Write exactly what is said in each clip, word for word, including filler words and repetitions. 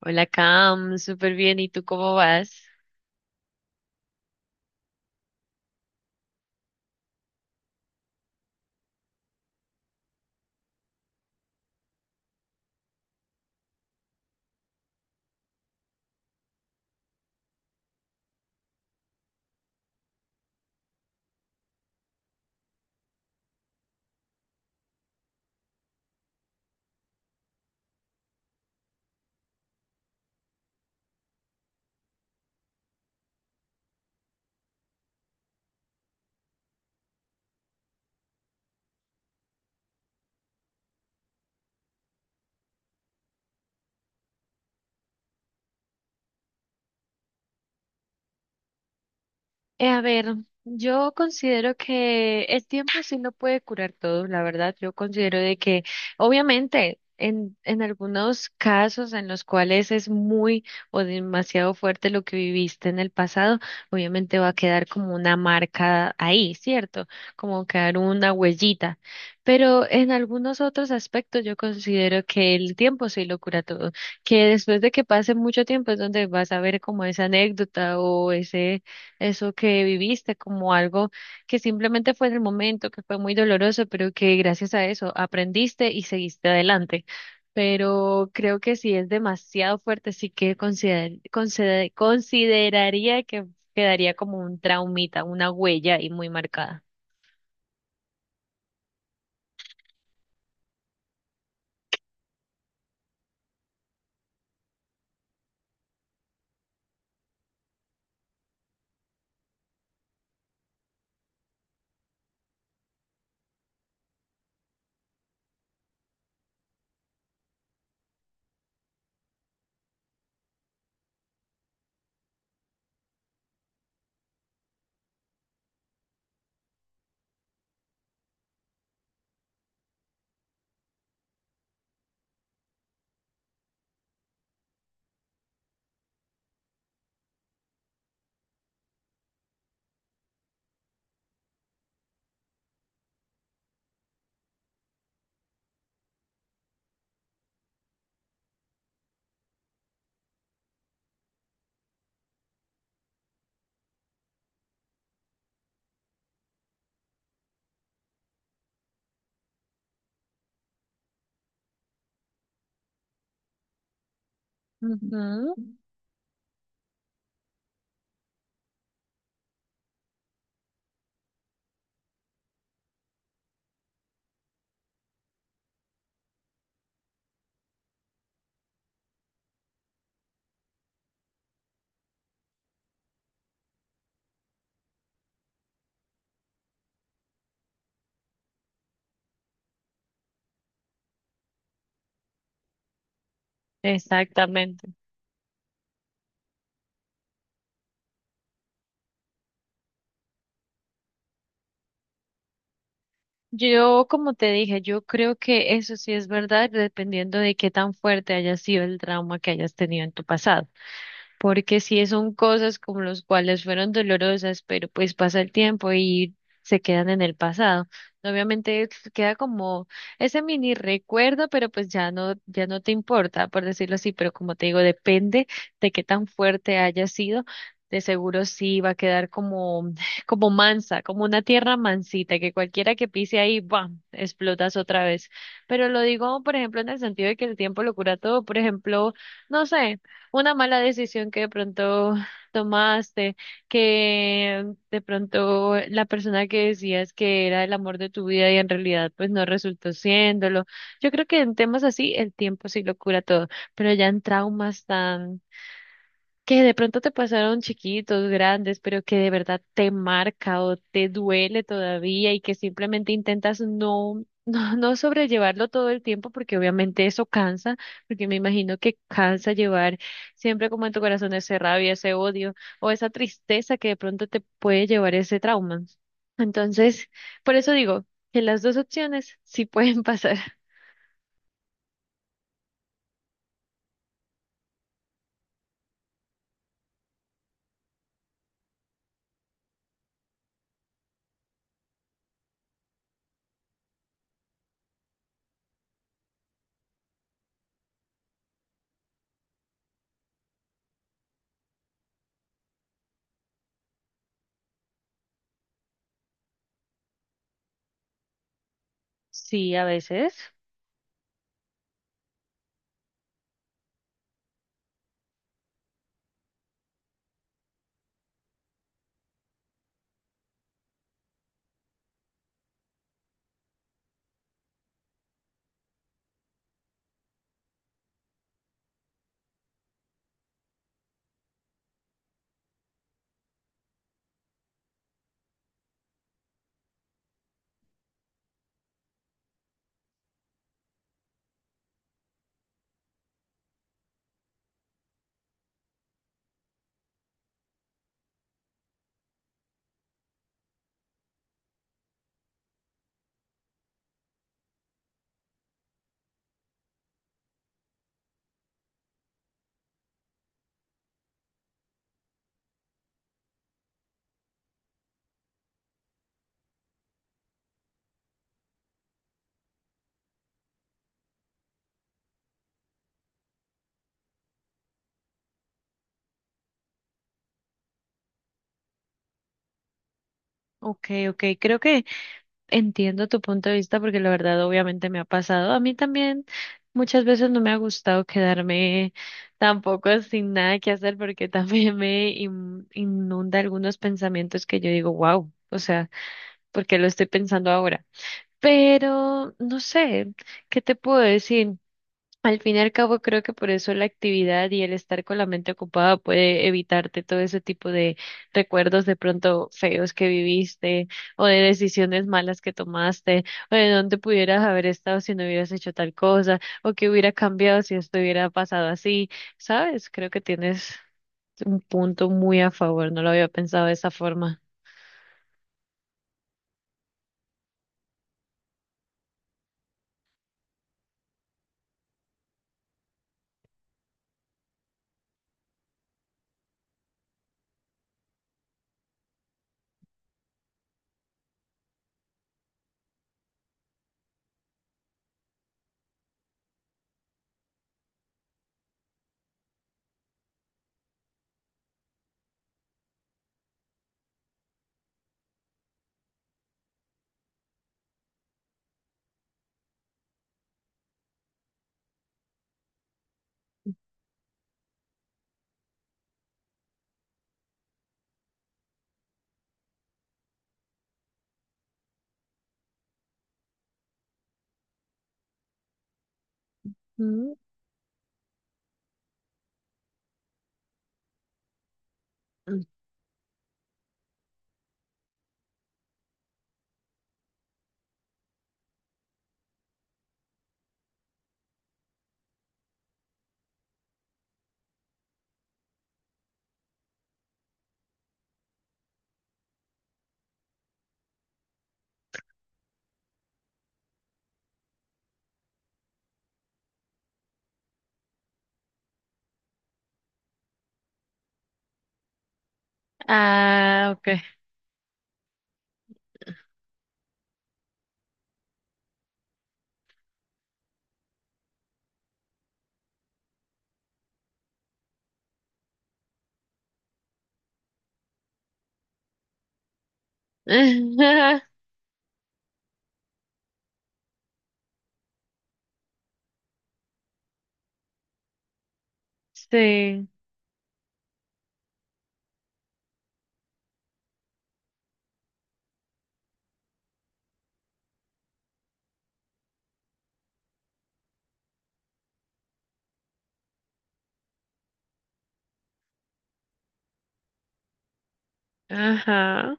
Hola Cam, súper bien. ¿Y tú cómo vas? Eh, a ver, yo considero que el tiempo sí no puede curar todo, la verdad. Yo considero de que, obviamente, en, en algunos casos en los cuales es muy o demasiado fuerte lo que viviste en el pasado, obviamente va a quedar como una marca ahí, ¿cierto? Como quedar una huellita. Pero en algunos otros aspectos yo considero que el tiempo sí lo cura todo, que después de que pase mucho tiempo es donde vas a ver como esa anécdota o ese eso que viviste como algo que simplemente fue en el momento, que fue muy doloroso, pero que gracias a eso aprendiste y seguiste adelante. Pero creo que si es demasiado fuerte, sí que consider- consider- consideraría que quedaría como un traumita, una huella y muy marcada. Ujú. Exactamente. Yo, como te dije, yo creo que eso sí es verdad, dependiendo de qué tan fuerte haya sido el trauma que hayas tenido en tu pasado, porque sí son cosas como las cuales fueron dolorosas, pero pues pasa el tiempo y se quedan en el pasado. Obviamente queda como ese mini recuerdo, pero pues ya no, ya no te importa, por decirlo así, pero como te digo, depende de qué tan fuerte haya sido. De seguro sí va a quedar como, como mansa, como una tierra mansita, que cualquiera que pise ahí, ¡bam!, explotas otra vez. Pero lo digo, por ejemplo, en el sentido de que el tiempo lo cura todo. Por ejemplo, no sé, una mala decisión que de pronto tomaste, que de pronto la persona que decías que era el amor de tu vida y en realidad pues no resultó siéndolo. Yo creo que en temas así el tiempo sí lo cura todo, pero ya en traumas tan que de pronto te pasaron chiquitos, grandes, pero que de verdad te marca o te duele todavía y que simplemente intentas no, no, no sobrellevarlo todo el tiempo porque obviamente eso cansa, porque me imagino que cansa llevar siempre como en tu corazón esa rabia, ese odio o esa tristeza que de pronto te puede llevar ese trauma. Entonces, por eso digo que las dos opciones sí pueden pasar. Sí, a veces. okay okay, creo que entiendo tu punto de vista, porque la verdad obviamente me ha pasado. A mí también muchas veces no me ha gustado quedarme tampoco sin nada que hacer porque también me in- inunda algunos pensamientos que yo digo, wow, o sea, ¿por qué lo estoy pensando ahora? Pero no sé, ¿qué te puedo decir? Al fin y al cabo, creo que por eso la actividad y el estar con la mente ocupada puede evitarte todo ese tipo de recuerdos de pronto feos que viviste o de decisiones malas que tomaste o de dónde pudieras haber estado si no hubieras hecho tal cosa o qué hubiera cambiado si esto hubiera pasado así, ¿sabes? Creo que tienes un punto muy a favor, no lo había pensado de esa forma. Mm. Ah, ok. Sí, ajá,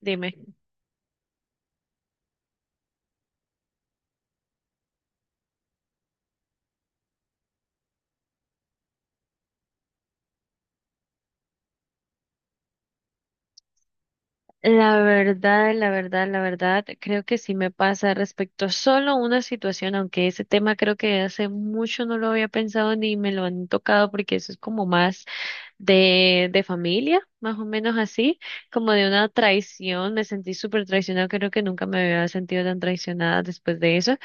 dime. La verdad, la verdad, la verdad, creo que sí me pasa respecto a solo una situación, aunque ese tema creo que hace mucho no lo había pensado ni me lo han tocado, porque eso es como más de, de familia, más o menos así, como de una traición, me sentí súper traicionada, creo que nunca me había sentido tan traicionada después de eso.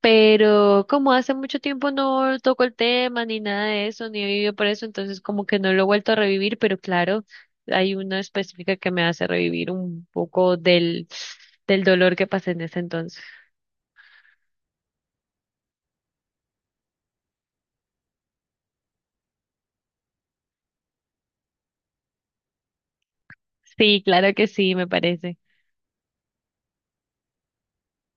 Pero como hace mucho tiempo no toco el tema ni nada de eso, ni he vivido por eso, entonces como que no lo he vuelto a revivir, pero claro, hay una específica que me hace revivir un poco del, del dolor que pasé en ese entonces. Sí, claro que sí, me parece.